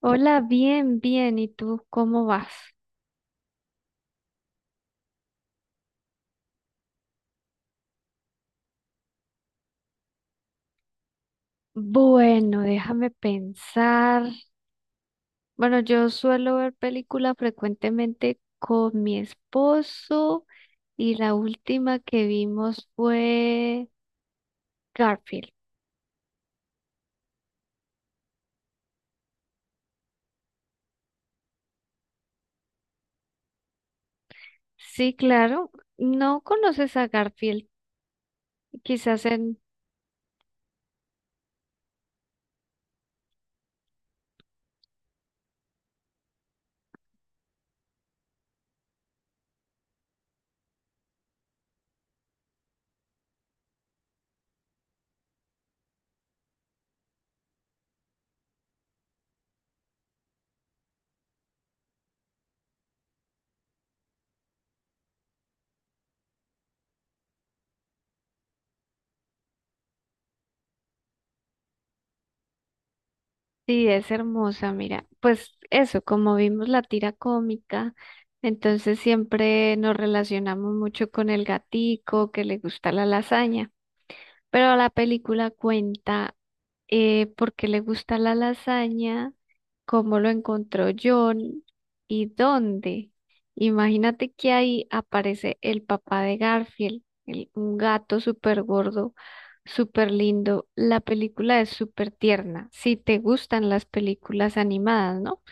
Hola, bien, bien. ¿Y tú cómo vas? Bueno, déjame pensar. Bueno, yo suelo ver películas frecuentemente con mi esposo y la última que vimos fue Garfield. Sí, claro. No conoces a Garfield. Quizás en sí es hermosa, mira. Pues eso, como vimos la tira cómica. Entonces siempre nos relacionamos mucho con el gatico que le gusta la lasaña. Pero la película cuenta por qué le gusta la lasaña, cómo lo encontró John y dónde. Imagínate que ahí aparece el papá de Garfield, un gato súper gordo, súper lindo. La película es súper tierna, si te gustan las películas animadas, ¿no?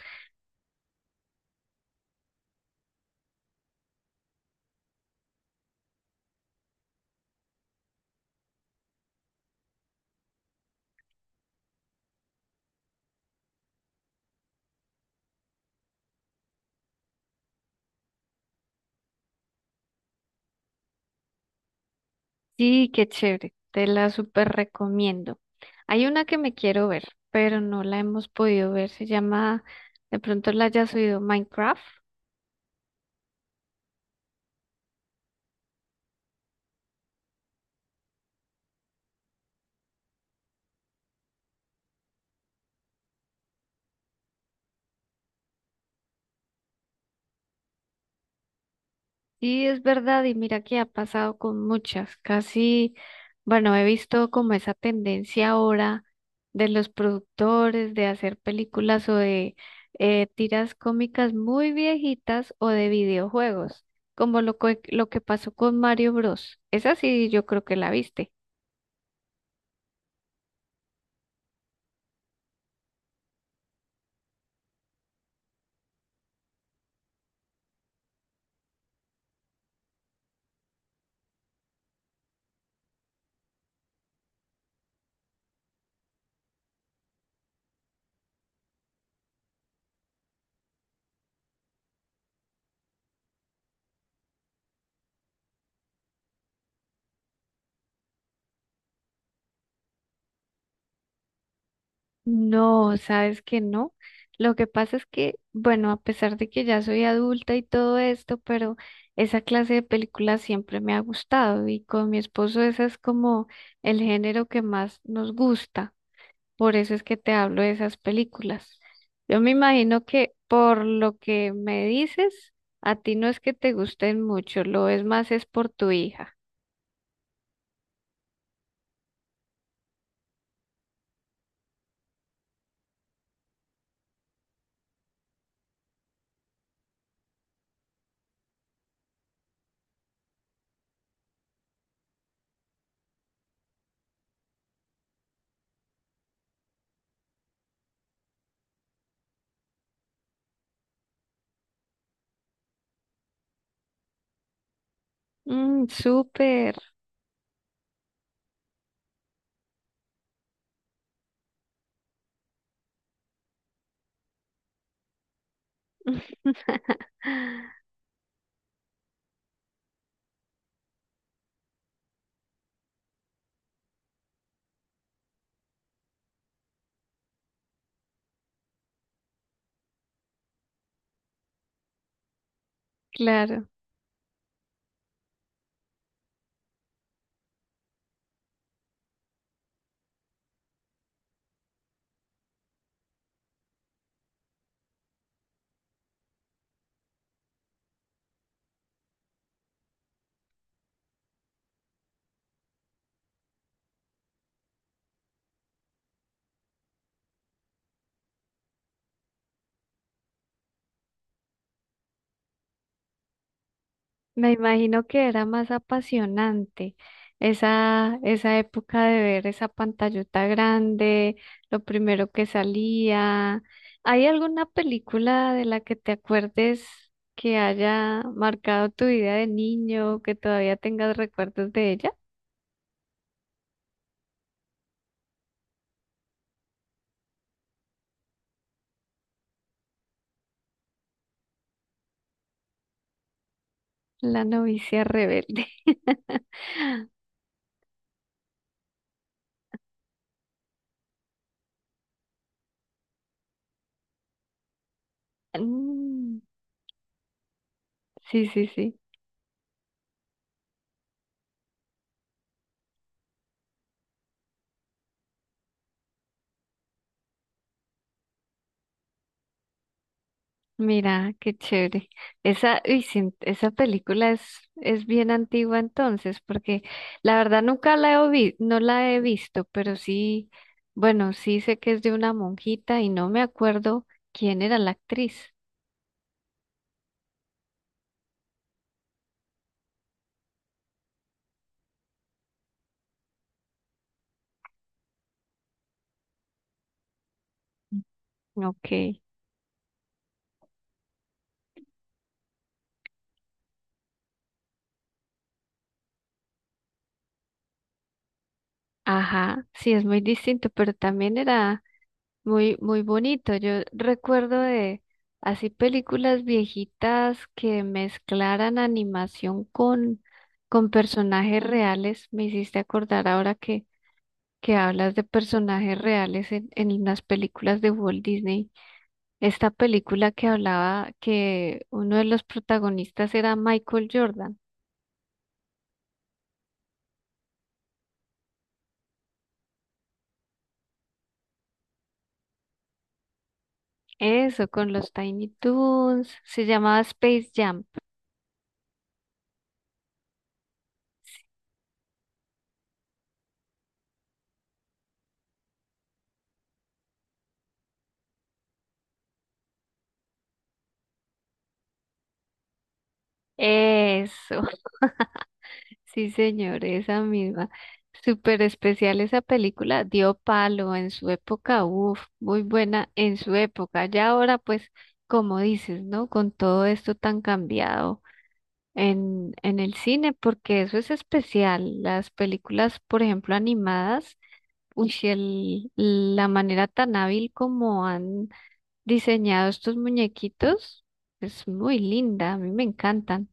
Sí, qué chévere, te la súper recomiendo. Hay una que me quiero ver, pero no la hemos podido ver, se llama, de pronto la hayas oído, Minecraft. Sí, es verdad, y mira que ha pasado con muchas, casi, bueno, he visto como esa tendencia ahora de los productores de hacer películas o de tiras cómicas muy viejitas o de videojuegos, como lo que pasó con Mario Bros. Esa sí, yo creo que la viste. No, sabes que no. Lo que pasa es que, bueno, a pesar de que ya soy adulta y todo esto, pero esa clase de películas siempre me ha gustado y con mi esposo ese es como el género que más nos gusta. Por eso es que te hablo de esas películas. Yo me imagino que por lo que me dices, a ti no es que te gusten mucho, lo es más es por tu hija. Mm, súper. Claro. Me imagino que era más apasionante esa época de ver esa pantallota grande, lo primero que salía. ¿Hay alguna película de la que te acuerdes que haya marcado tu vida de niño, que todavía tengas recuerdos de ella? La novicia rebelde. Mm, sí, sí, sí. Mira, qué chévere. Esa película es bien antigua entonces, porque la verdad nunca no la he visto, pero sí, bueno, sí sé que es de una monjita y no me acuerdo quién era la actriz. Ok, ajá, sí es muy distinto, pero también era muy, muy bonito. Yo recuerdo de así películas viejitas que mezclaran animación con personajes reales. Me hiciste acordar ahora que hablas de personajes reales en las películas de Walt Disney. Esta película que hablaba que uno de los protagonistas era Michael Jordan. Eso, con los Tiny Toons. Se llamaba Space Jam. Eso, sí, señor, esa misma. Súper especial esa película, dio palo en su época, uff, muy buena en su época. Ya ahora, pues, como dices, ¿no? Con todo esto tan cambiado en el cine, porque eso es especial. Las películas, por ejemplo, animadas, uy, si el, la manera tan hábil como han diseñado estos muñequitos es muy linda, a mí me encantan.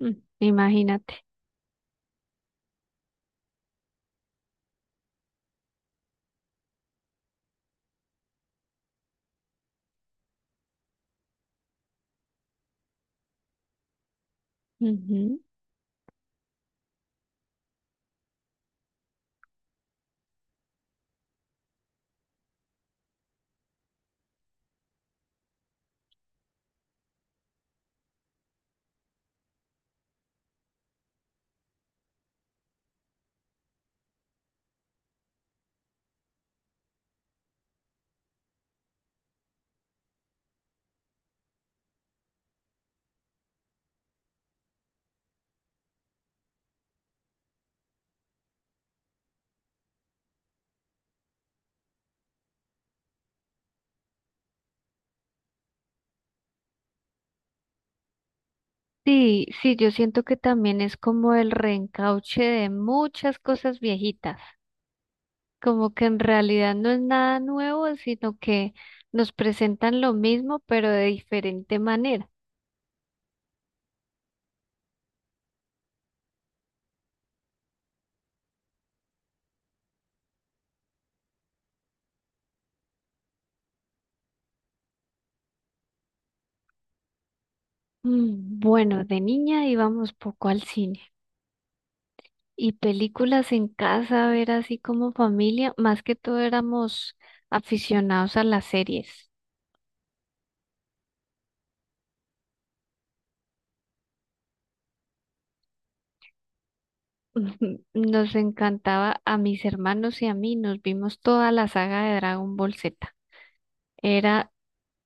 Mm, imagínate. Sí, sí, yo siento que también es como el reencauche de muchas cosas viejitas, como que en realidad no es nada nuevo, sino que nos presentan lo mismo, pero de diferente manera. Mm, bueno, de niña íbamos poco al cine y películas en casa, a ver así como familia, más que todo éramos aficionados a las series. Ujú, nos encantaba a mis hermanos y a mí, nos vimos toda la saga de Dragon Ball Z. Era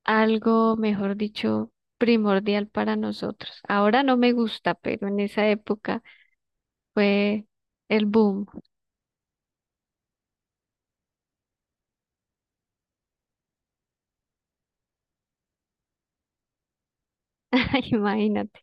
algo, mejor dicho, primordial para nosotros. Ahora no me gusta, pero en esa época fue el boom. Imagínate,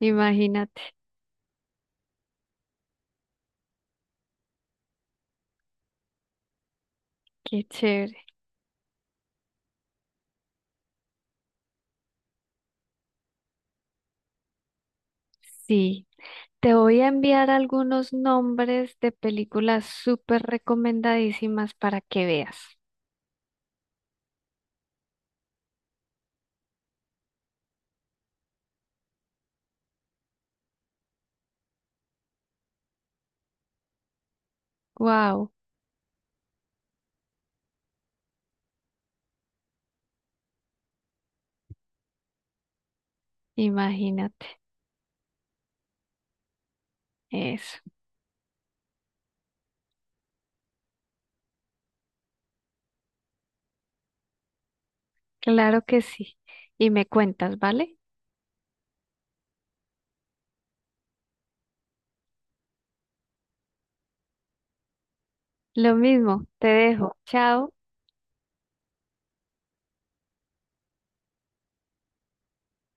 imagínate, qué chévere. Sí, te voy a enviar algunos nombres de películas súper recomendadísimas para que veas. Wow, imagínate eso. Claro que sí. Y me cuentas, ¿vale? Lo mismo, te dejo. Chao.